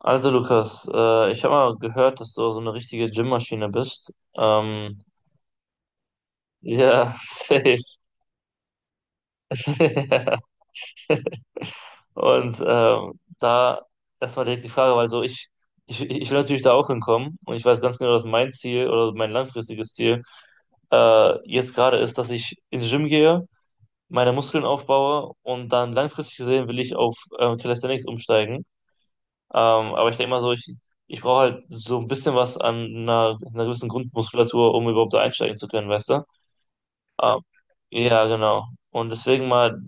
Also Lukas, ich habe mal gehört, dass du so eine richtige Gymmaschine bist. Ja, safe. Ja. Und da erstmal direkt die Frage, weil so ich will natürlich da auch hinkommen und ich weiß ganz genau, dass mein Ziel oder mein langfristiges Ziel jetzt gerade ist, dass ich ins Gym gehe, meine Muskeln aufbaue und dann langfristig gesehen will ich auf Calisthenics umsteigen. Aber ich denke mal so, ich brauche halt so ein bisschen was an einer gewissen Grundmuskulatur, um überhaupt da einsteigen zu können, weißt du? Ähm, Ja, ja, genau. Und deswegen mal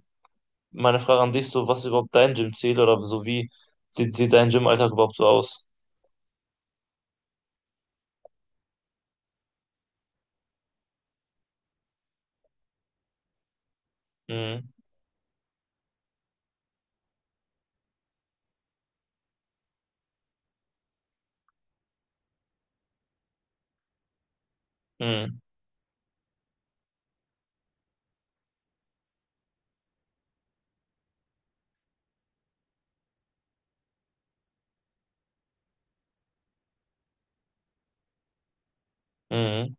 meine Frage an dich, so was ist überhaupt dein Gym-Ziel oder so wie sieht dein Gymalltag überhaupt so aus? Mhm, mhm, mhm,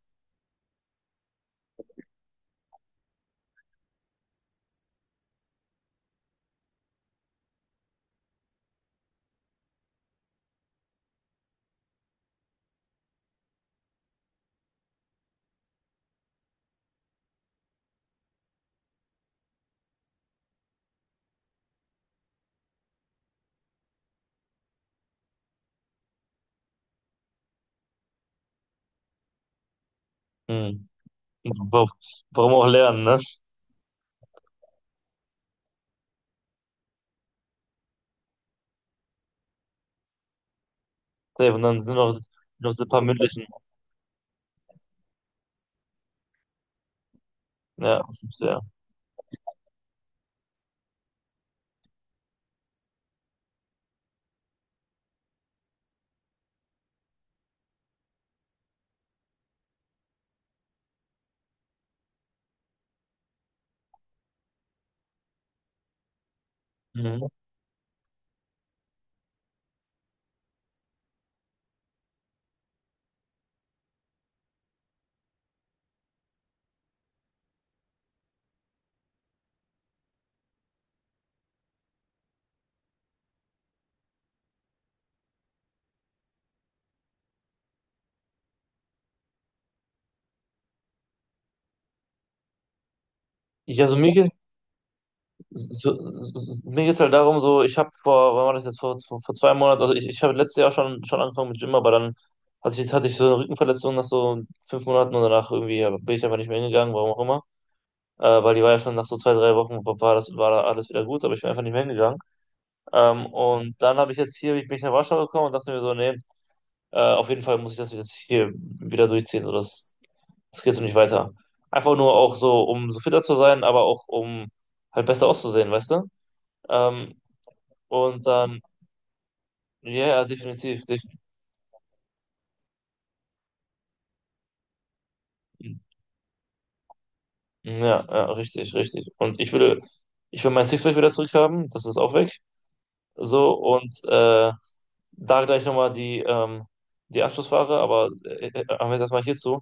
mhm. Wa- Warum auch lernen, ne? Safe. Und dann sind noch, so ein paar mündlichen. Ja, ja. Mhm. Also mir so, geht es halt darum, so, ich habe vor, wann war das jetzt, vor 2 Monaten, also ich habe letztes Jahr schon angefangen mit Gym, aber dann hatte ich so eine Rückenverletzung nach so 5 Monaten und danach irgendwie ja, bin ich einfach nicht mehr hingegangen, warum auch immer. Weil die war ja schon nach so zwei, drei Wochen, war das, war da alles wieder gut, aber ich bin einfach nicht mehr hingegangen. Und dann habe ich jetzt hier, bin ich nach Warschau gekommen und dachte mir so, nee, auf jeden Fall muss ich das jetzt hier wieder durchziehen, so, das, das geht so nicht weiter. Einfach nur auch so, um so fitter zu sein, aber auch um halt besser auszusehen, weißt du? Ähm, und dann, ja, ja, definitiv, def ja, ja, richtig, richtig. Und ich will mein Sixpack wieder zurückhaben, das ist auch weg. So, und da gleich nochmal die Abschlussfrage, aber haben wir jetzt erstmal hierzu.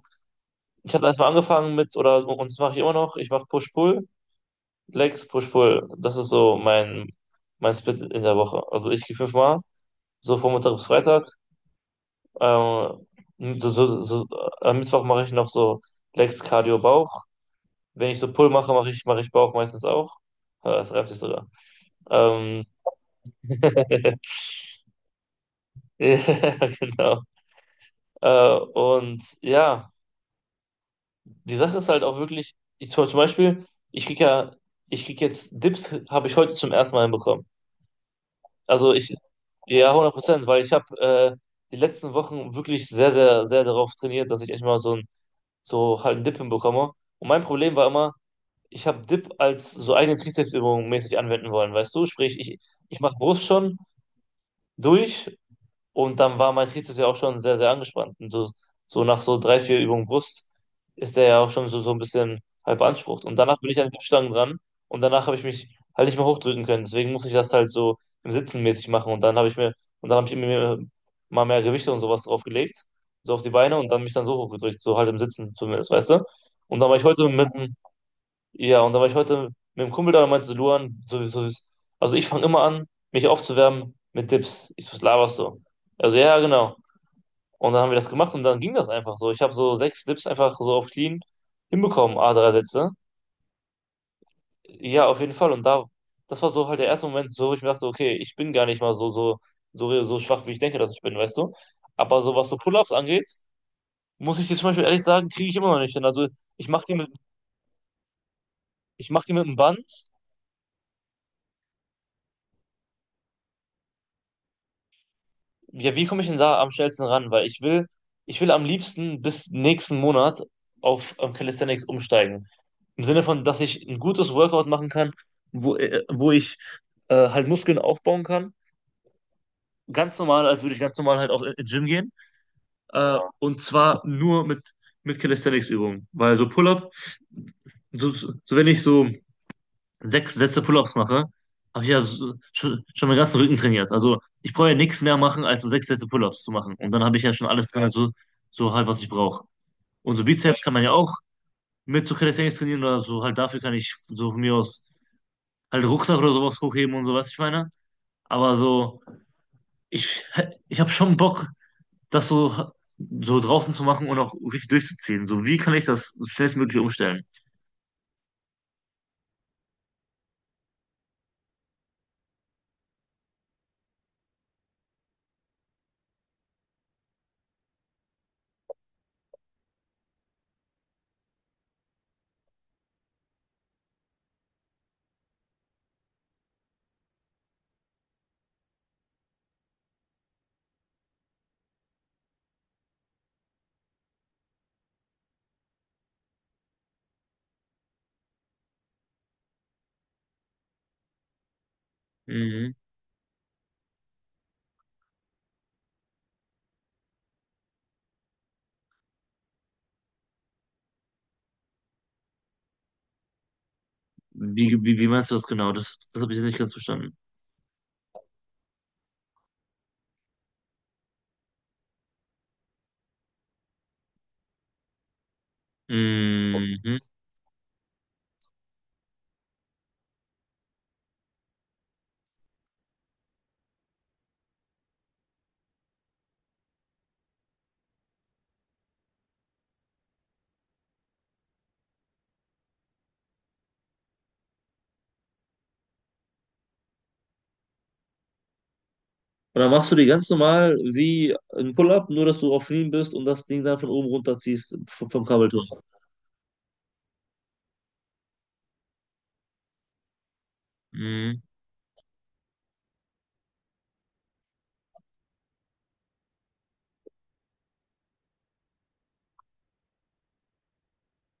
Ich habe erstmal angefangen mit, oder und das mache ich immer noch, ich mache Push-Pull, Legs, Push-Pull. Das ist so mein Split in der Woche. Also ich gehe fünfmal, so von Montag bis Freitag. Ähm, so, so, so, am Mittwoch mache ich noch so Legs, Cardio, Bauch. Wenn ich so Pull mache, mache ich Bauch meistens auch. Ah, das reimt sich sogar. Ähm, ja, genau. Und ja, die Sache ist halt auch wirklich, ich zum Beispiel, ich krieg ja, ich krieg jetzt Dips, habe ich heute zum ersten Mal bekommen. Also ja, 100%, weil ich habe die letzten Wochen wirklich sehr, sehr, sehr darauf trainiert, dass ich echt mal so halt einen Dip hinbekomme. Und mein Problem war immer, ich habe Dip als so eigene Trizepsübung mäßig anwenden wollen, weißt du? Sprich, ich mache Brust schon, durch und dann war mein Trizeps ja auch schon sehr, sehr angespannt. Und so nach so drei, vier Übungen Brust ist der ja auch schon so ein bisschen halb beansprucht. Und danach bin ich an die Stangen dran und danach habe ich mich halt nicht mehr hochdrücken können. Deswegen muss ich das halt so im Sitzen mäßig machen. Und dann habe ich mir mal mehr Gewichte und sowas draufgelegt, so auf die Beine und dann mich dann so hochgedrückt, so halt im Sitzen zumindest, weißt du? Und dann war ich heute mit, ja, und da war ich heute mit dem Kumpel da und meinte so, Luan, sowieso, also ich fange immer an, mich aufzuwärmen mit Dips. Ich so, was laberst du? Also ja, genau. Und dann haben wir das gemacht und dann ging das einfach so. Ich habe so sechs Dips einfach so auf clean hinbekommen, a drei Sätze. Ja, auf jeden Fall. Und da, das war so halt der erste Moment, so wo ich mir dachte, okay, ich bin gar nicht mal so schwach, wie ich denke, dass ich bin, weißt du? Aber so was so Pull-ups angeht, muss ich jetzt zum Beispiel ehrlich sagen, kriege ich immer noch nicht hin. Also ich mache die mit, ich mache die mit dem Band. Ja, wie komme ich denn da am schnellsten ran? Weil ich will am liebsten bis nächsten Monat auf Calisthenics umsteigen. Im Sinne von, dass ich ein gutes Workout machen kann, wo ich halt Muskeln aufbauen kann. Ganz normal, als würde ich ganz normal halt auf Gym gehen. Ja. Und zwar nur mit Calisthenics-Übungen. Weil so Pull-up, so wenn ich so sechs Sätze Pull-ups mache, habe ich ja so, schon meinen ganzen Rücken trainiert. Also ich brauche ja nichts mehr machen, als so sechs Sätze Pull-ups zu machen. Und dann habe ich ja schon alles drin, ja, so halt, was ich brauche. Und so Bizeps kann man ja auch mit so Calisthenics trainieren oder so halt dafür kann ich so von mir aus halt Rucksack oder sowas hochheben und so, was ich meine. Aber so, ich, ich habe schon Bock, das so draußen zu machen und auch richtig durchzuziehen. So, wie kann ich das schnellstmöglich umstellen? Mhm. Wie meinst du das genau? Das habe ich jetzt nicht ganz verstanden. Mhm. Und dann machst du die ganz normal wie ein Pull-up, nur dass du auf Knien bist und das Ding dann von oben runterziehst vom Kabelturm. Mhm.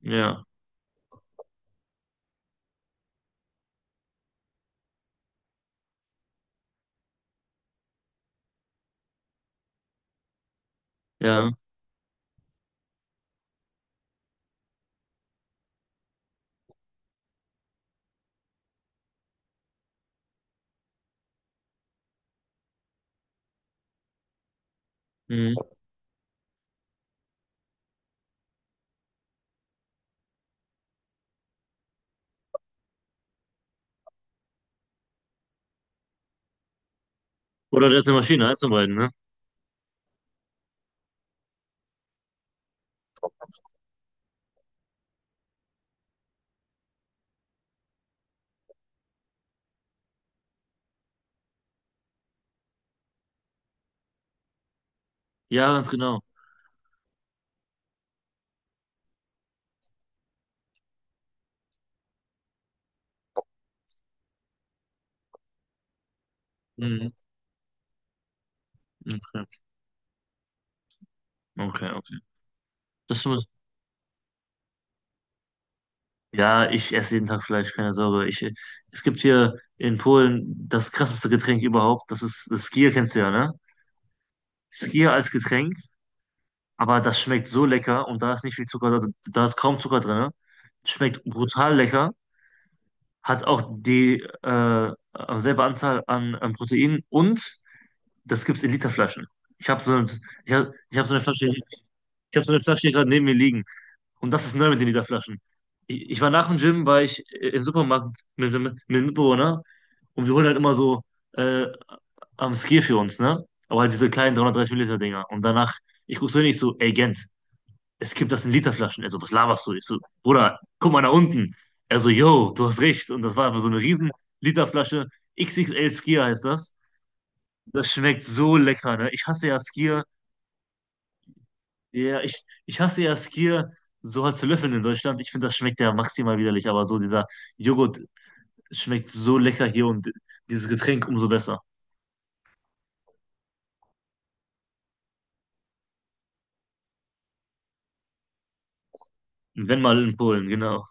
Ja, ja. Mhm. Oder das ist eine Maschine, eins von beiden, ne? Ja, ganz genau. Mhm. Okay, okay, okay. Das muss. Ja, ich esse jeden Tag Fleisch, keine Sorge. Es gibt hier in Polen das krasseste Getränk überhaupt. Das ist das Skier, kennst du ja, ne? Skier als Getränk, aber das schmeckt so lecker und da ist nicht viel Zucker, da ist kaum Zucker drin. Schmeckt brutal lecker. Hat auch die selbe Anzahl an Protein und das gibt's in Literflaschen. Ich habe so, ich hab so eine Flasche, ich habe so eine Flasche hier gerade neben mir liegen und das ist neu mit den Literflaschen. Ich war nach dem Gym, war ich im Supermarkt mit einem Mitbewohner und wir holen halt immer so äh, am Skier für uns, ne? Aber halt diese kleinen 330 Milliliter Dinger und danach ich guck so hin, ich so, ey Gent, es gibt das in Literflaschen. Er so, was laberst du? Ich so, Bruder, guck mal nach unten. Er so, yo, du hast recht. Und das war einfach so eine riesen Literflasche. XXL Skier heißt das. Das schmeckt so lecker, ne? Ich hasse ja Skier. Ja, ich hasse ja Skier so halt zu löffeln in Deutschland. Ich finde, das schmeckt ja maximal widerlich, aber so dieser Joghurt schmeckt so lecker hier und dieses Getränk umso besser. Wenn mal in Polen, genau.